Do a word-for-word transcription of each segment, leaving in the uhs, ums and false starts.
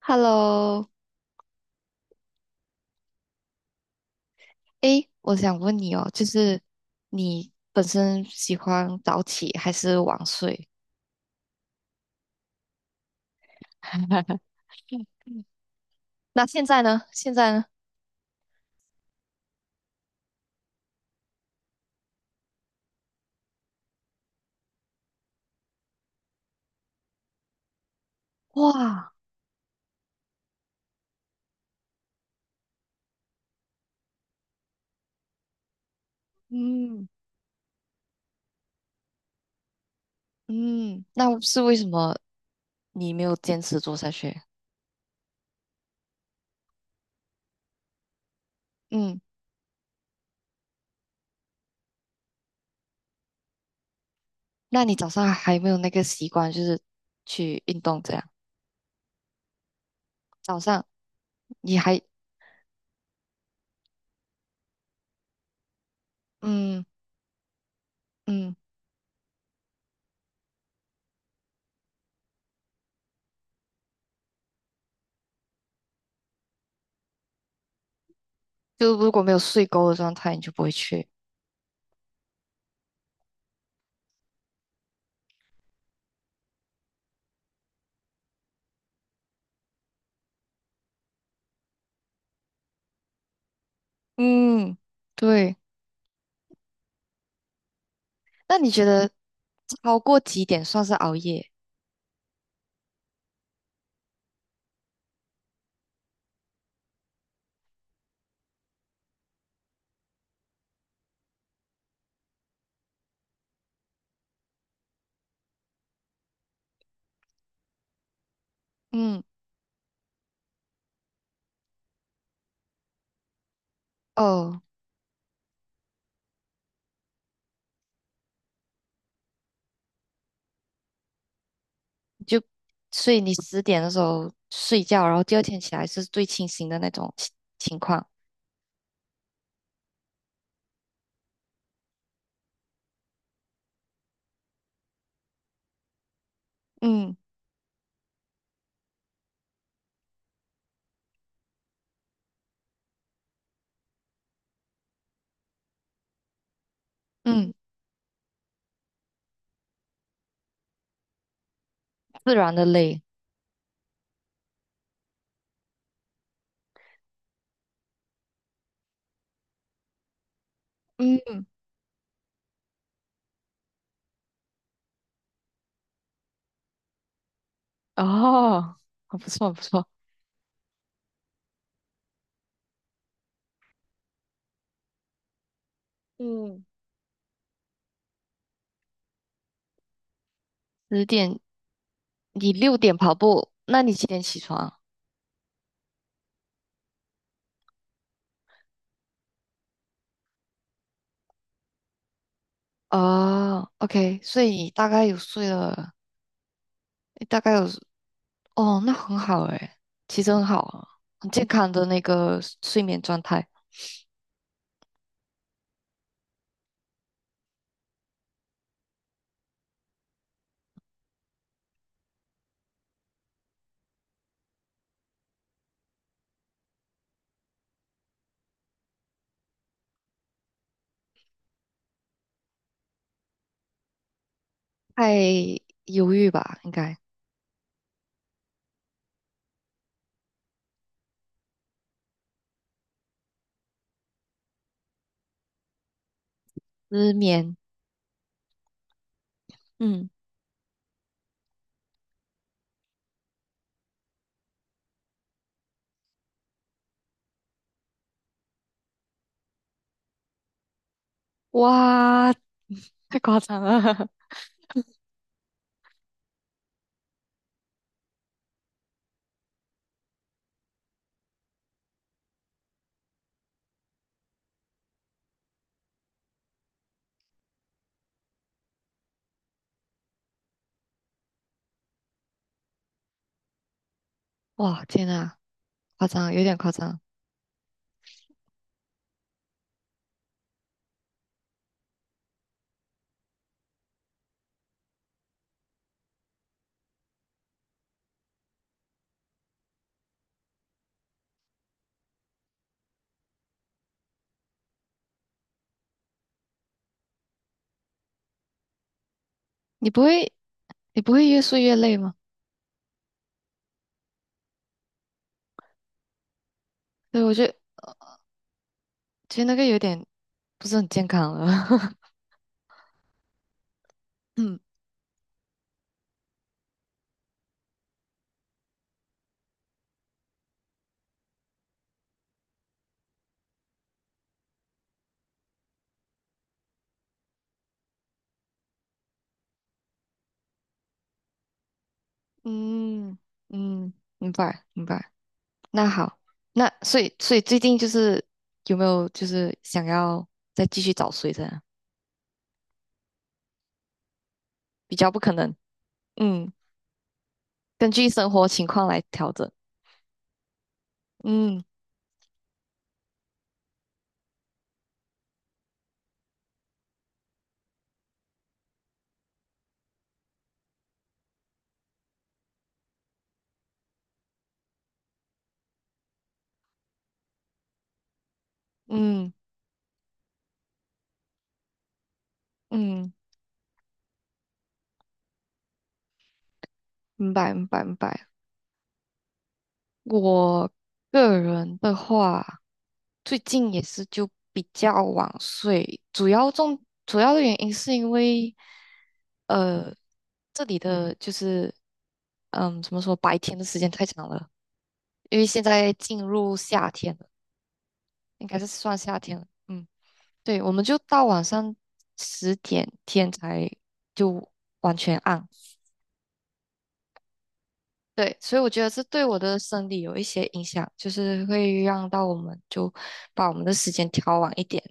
Hello，诶，我想问你哦，就是你本身喜欢早起还是晚睡？那现在呢？现在呢？哇，嗯嗯，那是为什么你没有坚持做下去？嗯，那你早上还没有那个习惯，就是去运动这样？早上你还嗯嗯，就如果没有睡够的状态，你就不会去。嗯，对。那你觉得超过几点算是熬夜？嗯。哦，就，所以你十点的时候睡觉，然后第二天起来是最清醒的那种情情况。嗯嗯，自然的累。嗯，哦，很不错，很不错。嗯，十点，你六点跑步，那你几点起床？哦，OK，所以你大概有睡了，你大概有，哦，那很好诶，其实很好啊，很健康的那个睡眠状态。太忧郁吧，应该失眠。嗯，哇，太夸张了。哇，天呐，夸张，有点夸张。你不会，你不会越睡越累吗？对，我觉得其实那个有点不是很健康了。嗯嗯嗯，明白明白。那好，那所以所以最近就是有没有就是想要再继续早睡这样？比较不可能。嗯，根据生活情况来调整。嗯嗯嗯，明白明白明白。我个人的话，最近也是就比较晚睡，主要重主要的原因是因为，呃，这里的就是，嗯，怎么说，白天的时间太长了，因为现在进入夏天了，应该是算夏天了，嗯，对，我们就到晚上十点天才就完全暗，对，所以我觉得这对我的生理有一些影响，就是会让到我们就把我们的时间调晚一点。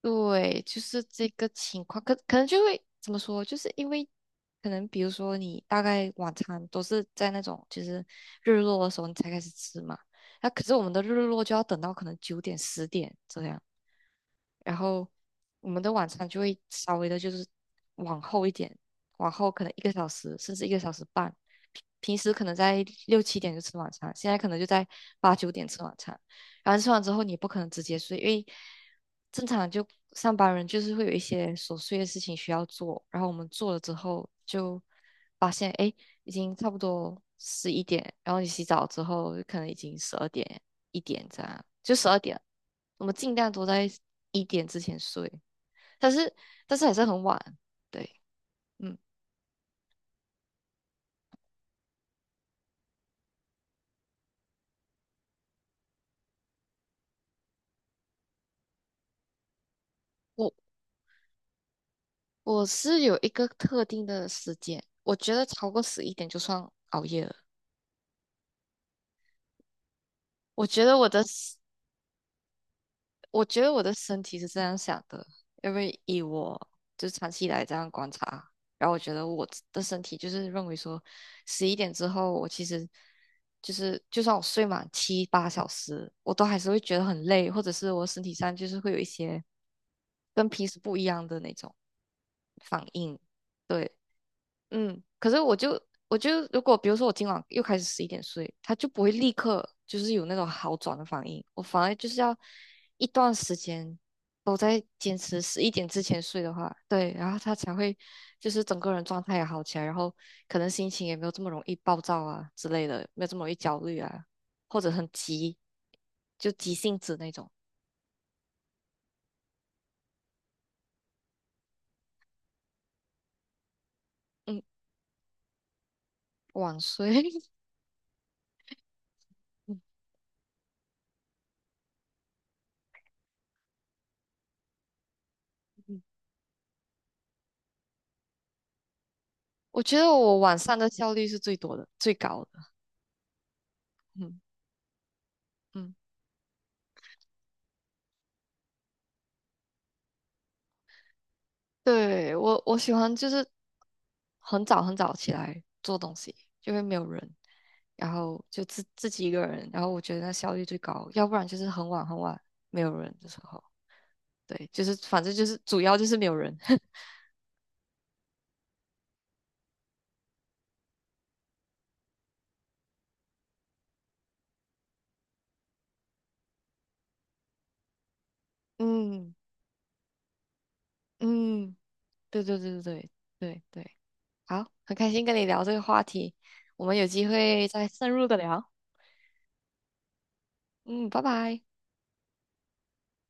对，就是这个情况，可可能就会怎么说，就是因为可能比如说你大概晚餐都是在那种就是日落的时候你才开始吃嘛，那可是我们的日落就要等到可能九点十点这样。然后我们的晚餐就会稍微的，就是往后一点，往后可能一个小时甚至一个小时半。平平时可能在六七点就吃晚餐，现在可能就在八九点吃晚餐。然后吃完之后，你不可能直接睡，因为正常就上班人就是会有一些琐碎的事情需要做。然后我们做了之后，就发现哎，已经差不多十一点，然后你洗澡之后可能已经十二点，一点这样，就十二点，我们尽量都在一点之前睡，但是但是还是很晚，对，嗯，我我是有一个特定的时间，我觉得超过十一点就算熬夜了，我觉得我的我觉得我的身体是这样想的，因为以我就是长期以来这样观察，然后我觉得我自的身体就是认为说，十一点之后我其实就是就算我睡满七八小时，我都还是会觉得很累，或者是我身体上就是会有一些跟平时不一样的那种反应。对，嗯，可是我就我就如果比如说我今晚又开始十一点睡，他就不会立刻就是有那种好转的反应，我反而就是要一段时间都在坚持十一点之前睡的话，对，然后他才会就是整个人状态也好起来，然后可能心情也没有这么容易暴躁啊之类的，没有这么容易焦虑啊，或者很急，就急性子那种，嗯，晚睡，嗯嗯，我觉得我晚上的效率是最多的，最高的，嗯。嗯。对，我我喜欢就是很早很早起来做东西，就会没有人，然后就自自己一个人，然后我觉得那效率最高。要不然就是很晚很晚没有人的时候，对，就是反正就是主要就是没有人。嗯嗯，对对对对对对对，好，很开心跟你聊这个话题，我们有机会再深入的聊。嗯，拜拜。